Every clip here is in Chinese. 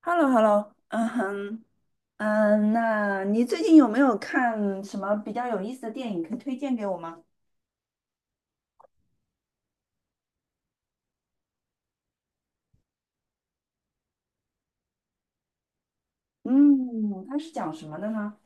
h e l l o h e l l o 嗯哼，嗯，那你最近有没有看什么比较有意思的电影可以推荐给我吗？嗯，它是讲什么的呢？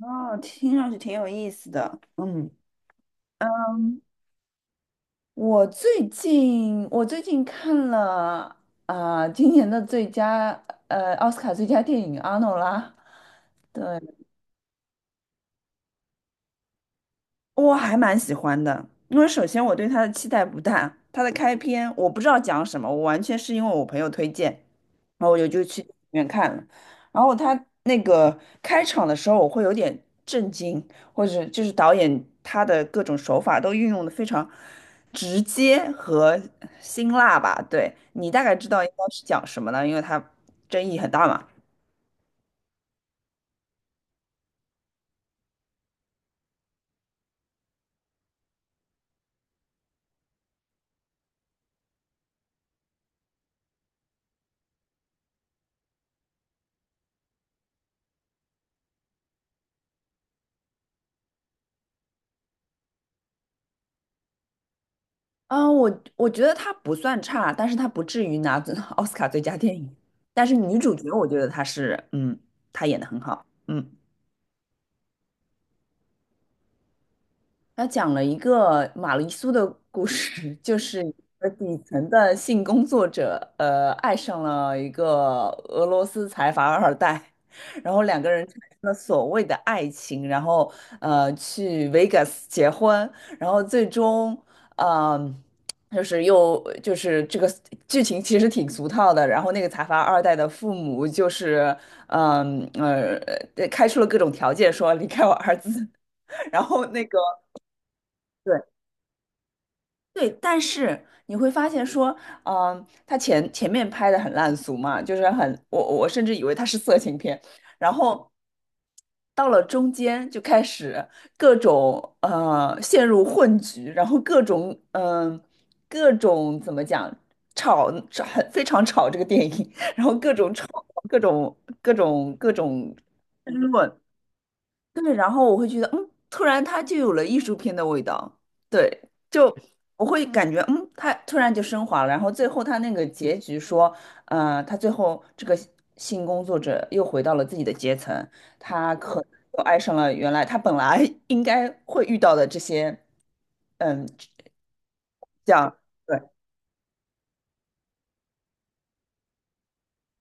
哦，听上去挺有意思的。嗯，我最近看了啊、今年的最佳奥斯卡最佳电影《阿诺拉》。我还蛮喜欢的，因为首先我对他的期待不大，他的开篇我不知道讲什么，我完全是因为我朋友推荐，然后我就去里面看了。然后他那个开场的时候，我会有点震惊，或者就是导演他的各种手法都运用的非常直接和辛辣吧。对，你大概知道应该是讲什么呢，因为他争议很大嘛。嗯，我觉得它不算差，但是它不至于拿奥斯卡最佳电影。但是女主角，我觉得她是，她演的很好，他讲了一个玛丽苏的故事，就是一个底层的性工作者，爱上了一个俄罗斯财阀二代，然后两个人产生了所谓的爱情，然后去 Vegas 结婚，然后最终，嗯、就是又就是这个剧情其实挺俗套的，然后那个财阀二代的父母就是，嗯开出了各种条件说离开我儿子。然后对，对，但是你会发现说，他前面拍的很烂俗嘛，就是很，我甚至以为他是色情片，然后到了中间就开始各种陷入混局，然后各种怎么讲吵吵很非常吵这个电影，然后各种吵各种各种争论，对，然后我会觉得，突然它就有了艺术片的味道。对，就我会感觉，它突然就升华了。然后最后它那个结局说，他最后这个性工作者又回到了自己的阶层，他可能又爱上了原来他本来 应该会遇到的这些，嗯，这样。对。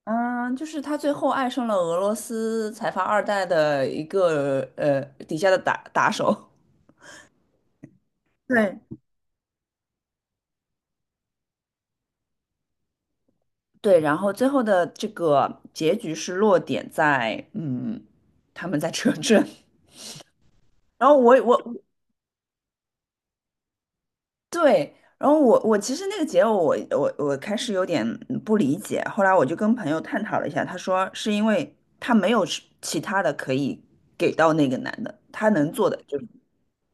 嗯，就是他最后爱上了俄罗斯财阀二代的一个底下的打手。对，对，然后最后的这个结局是落点在，他们在车震。然后对，然后我其实那个结尾我开始有点不理解，后来我就跟朋友探讨了一下，他说是因为他没有是其他的可以给到那个男的，他能做的就是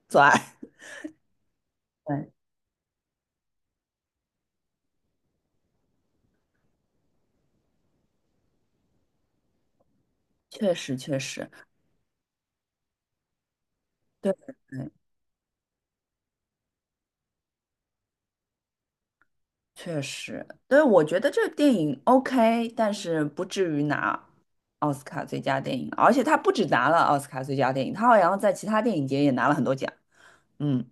做爱。对，确实确实，对，对确实，对，我觉得这个电影 OK,但是不至于拿奥斯卡最佳电影，而且他不止拿了奥斯卡最佳电影，他好像在其他电影节也拿了很多奖。嗯，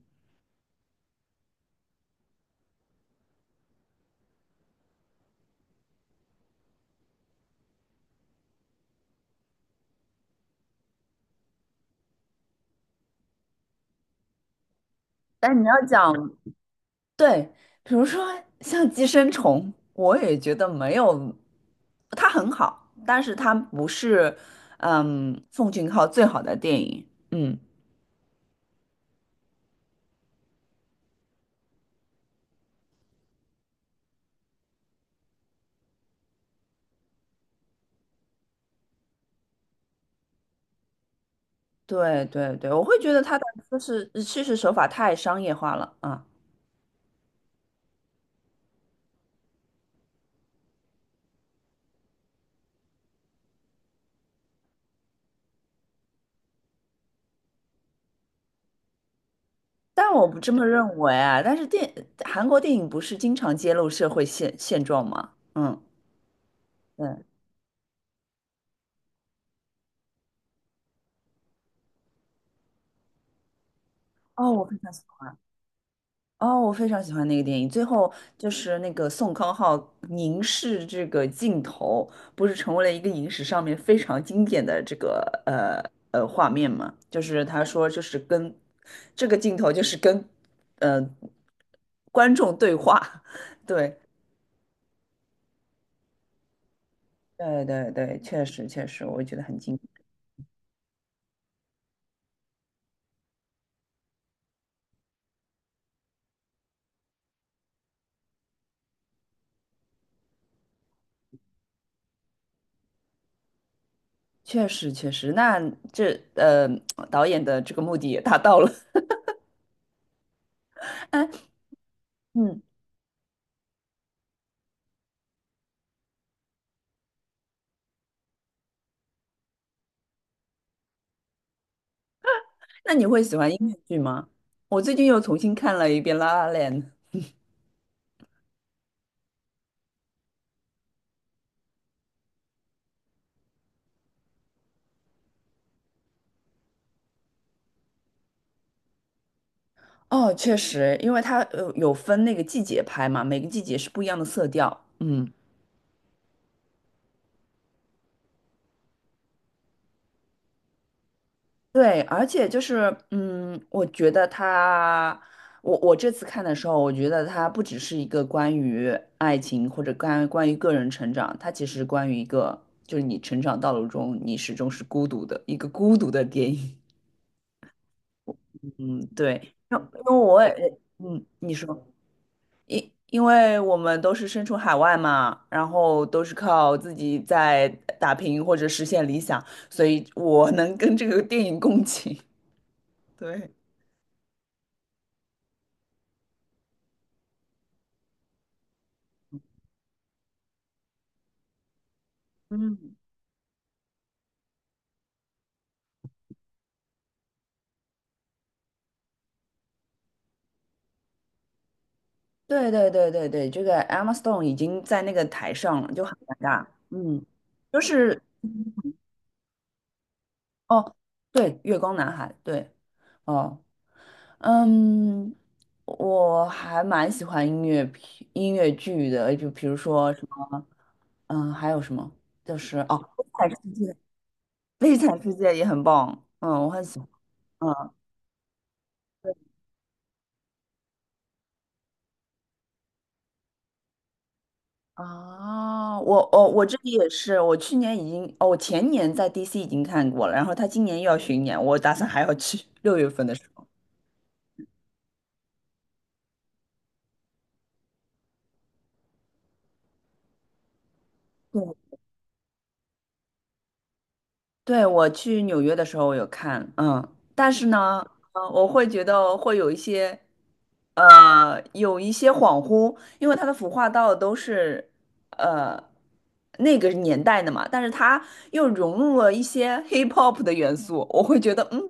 但是你要讲，对，比如说像《寄生虫》，我也觉得没有，他很好，但是他不是，奉俊昊最好的电影。嗯，对对对，我会觉得他的就是叙事手法太商业化了啊。但我不这么认为啊。但是韩国电影不是经常揭露社会现状吗？嗯对。哦，我非常喜欢。哦，我非常喜欢那个电影。最后就是那个宋康昊凝视这个镜头，不是成为了一个影史上面非常经典的这个呃画面吗？就是他说，就是跟这个镜头就是跟呃观众对话。对对对对，确实确实，我觉得很经典。确实确实，那这呃导演的这个目的也达到了。哎，嗯，那你会喜欢音乐剧吗？我最近又重新看了一遍《La l 哦，确实，因为它有分那个季节拍嘛，每个季节是不一样的色调。嗯。对，而且就是，我觉得他，我这次看的时候，我觉得他不只是一个关于爱情或者关于个人成长，他其实关于一个就是你成长道路中你始终是孤独的一个孤独的电影。嗯，对，因为我也，你说，因为我们都是身处海外嘛，然后都是靠自己在打拼或者实现理想，所以我能跟这个电影共情。对，嗯。对对对对对，这个 Emma Stone 已经在那个台上了，就很尴尬。嗯，就是哦，对，《月光男孩》对哦，嗯，我还蛮喜欢音乐剧的，就比如说什么，还有什么就是哦，《悲惨世界》，《悲惨世界》也很棒，我很喜欢。嗯。哦，我这里也是，我前年在 DC 已经看过了，然后他今年又要巡演，我打算还要去六月份的时候。对，对，我去纽约的时候我有看，但是呢，我会觉得会有一些，有一些恍惚，因为他的服化道都是，呃，那个年代的嘛，但是他又融入了一些 hip hop 的元素，我会觉得，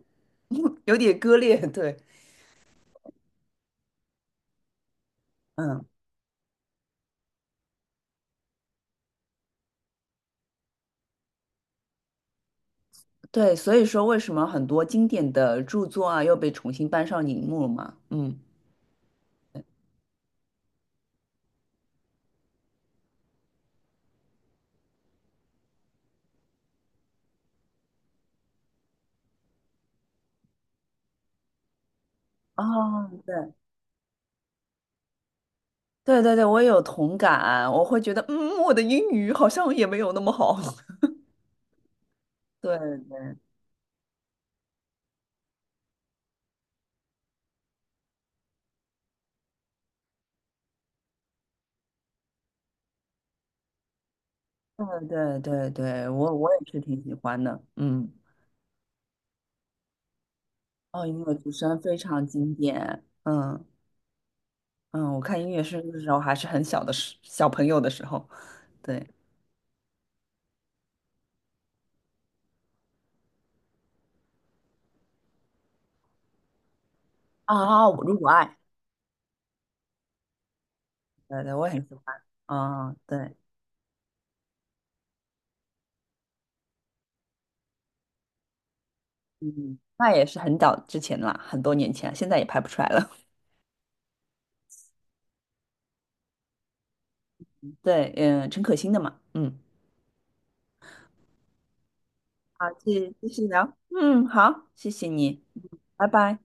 有点割裂，对，嗯。对，所以说为什么很多经典的著作啊又被重新搬上荧幕了嘛？嗯，哦，对，对对对，我也有同感，我会觉得，我的英语好像也没有那么好。对对对对对对，我也是挺喜欢的，哦，音乐之声非常经典，嗯，我看音乐之声的时候还是很小的时，小朋友的时候，对啊，我如果爱，对对，我也很喜欢，啊，对。嗯，那也是很早之前啦，很多年前，现在也拍不出来了。对，陈可辛的嘛，好，继续聊，好，谢谢你，拜拜。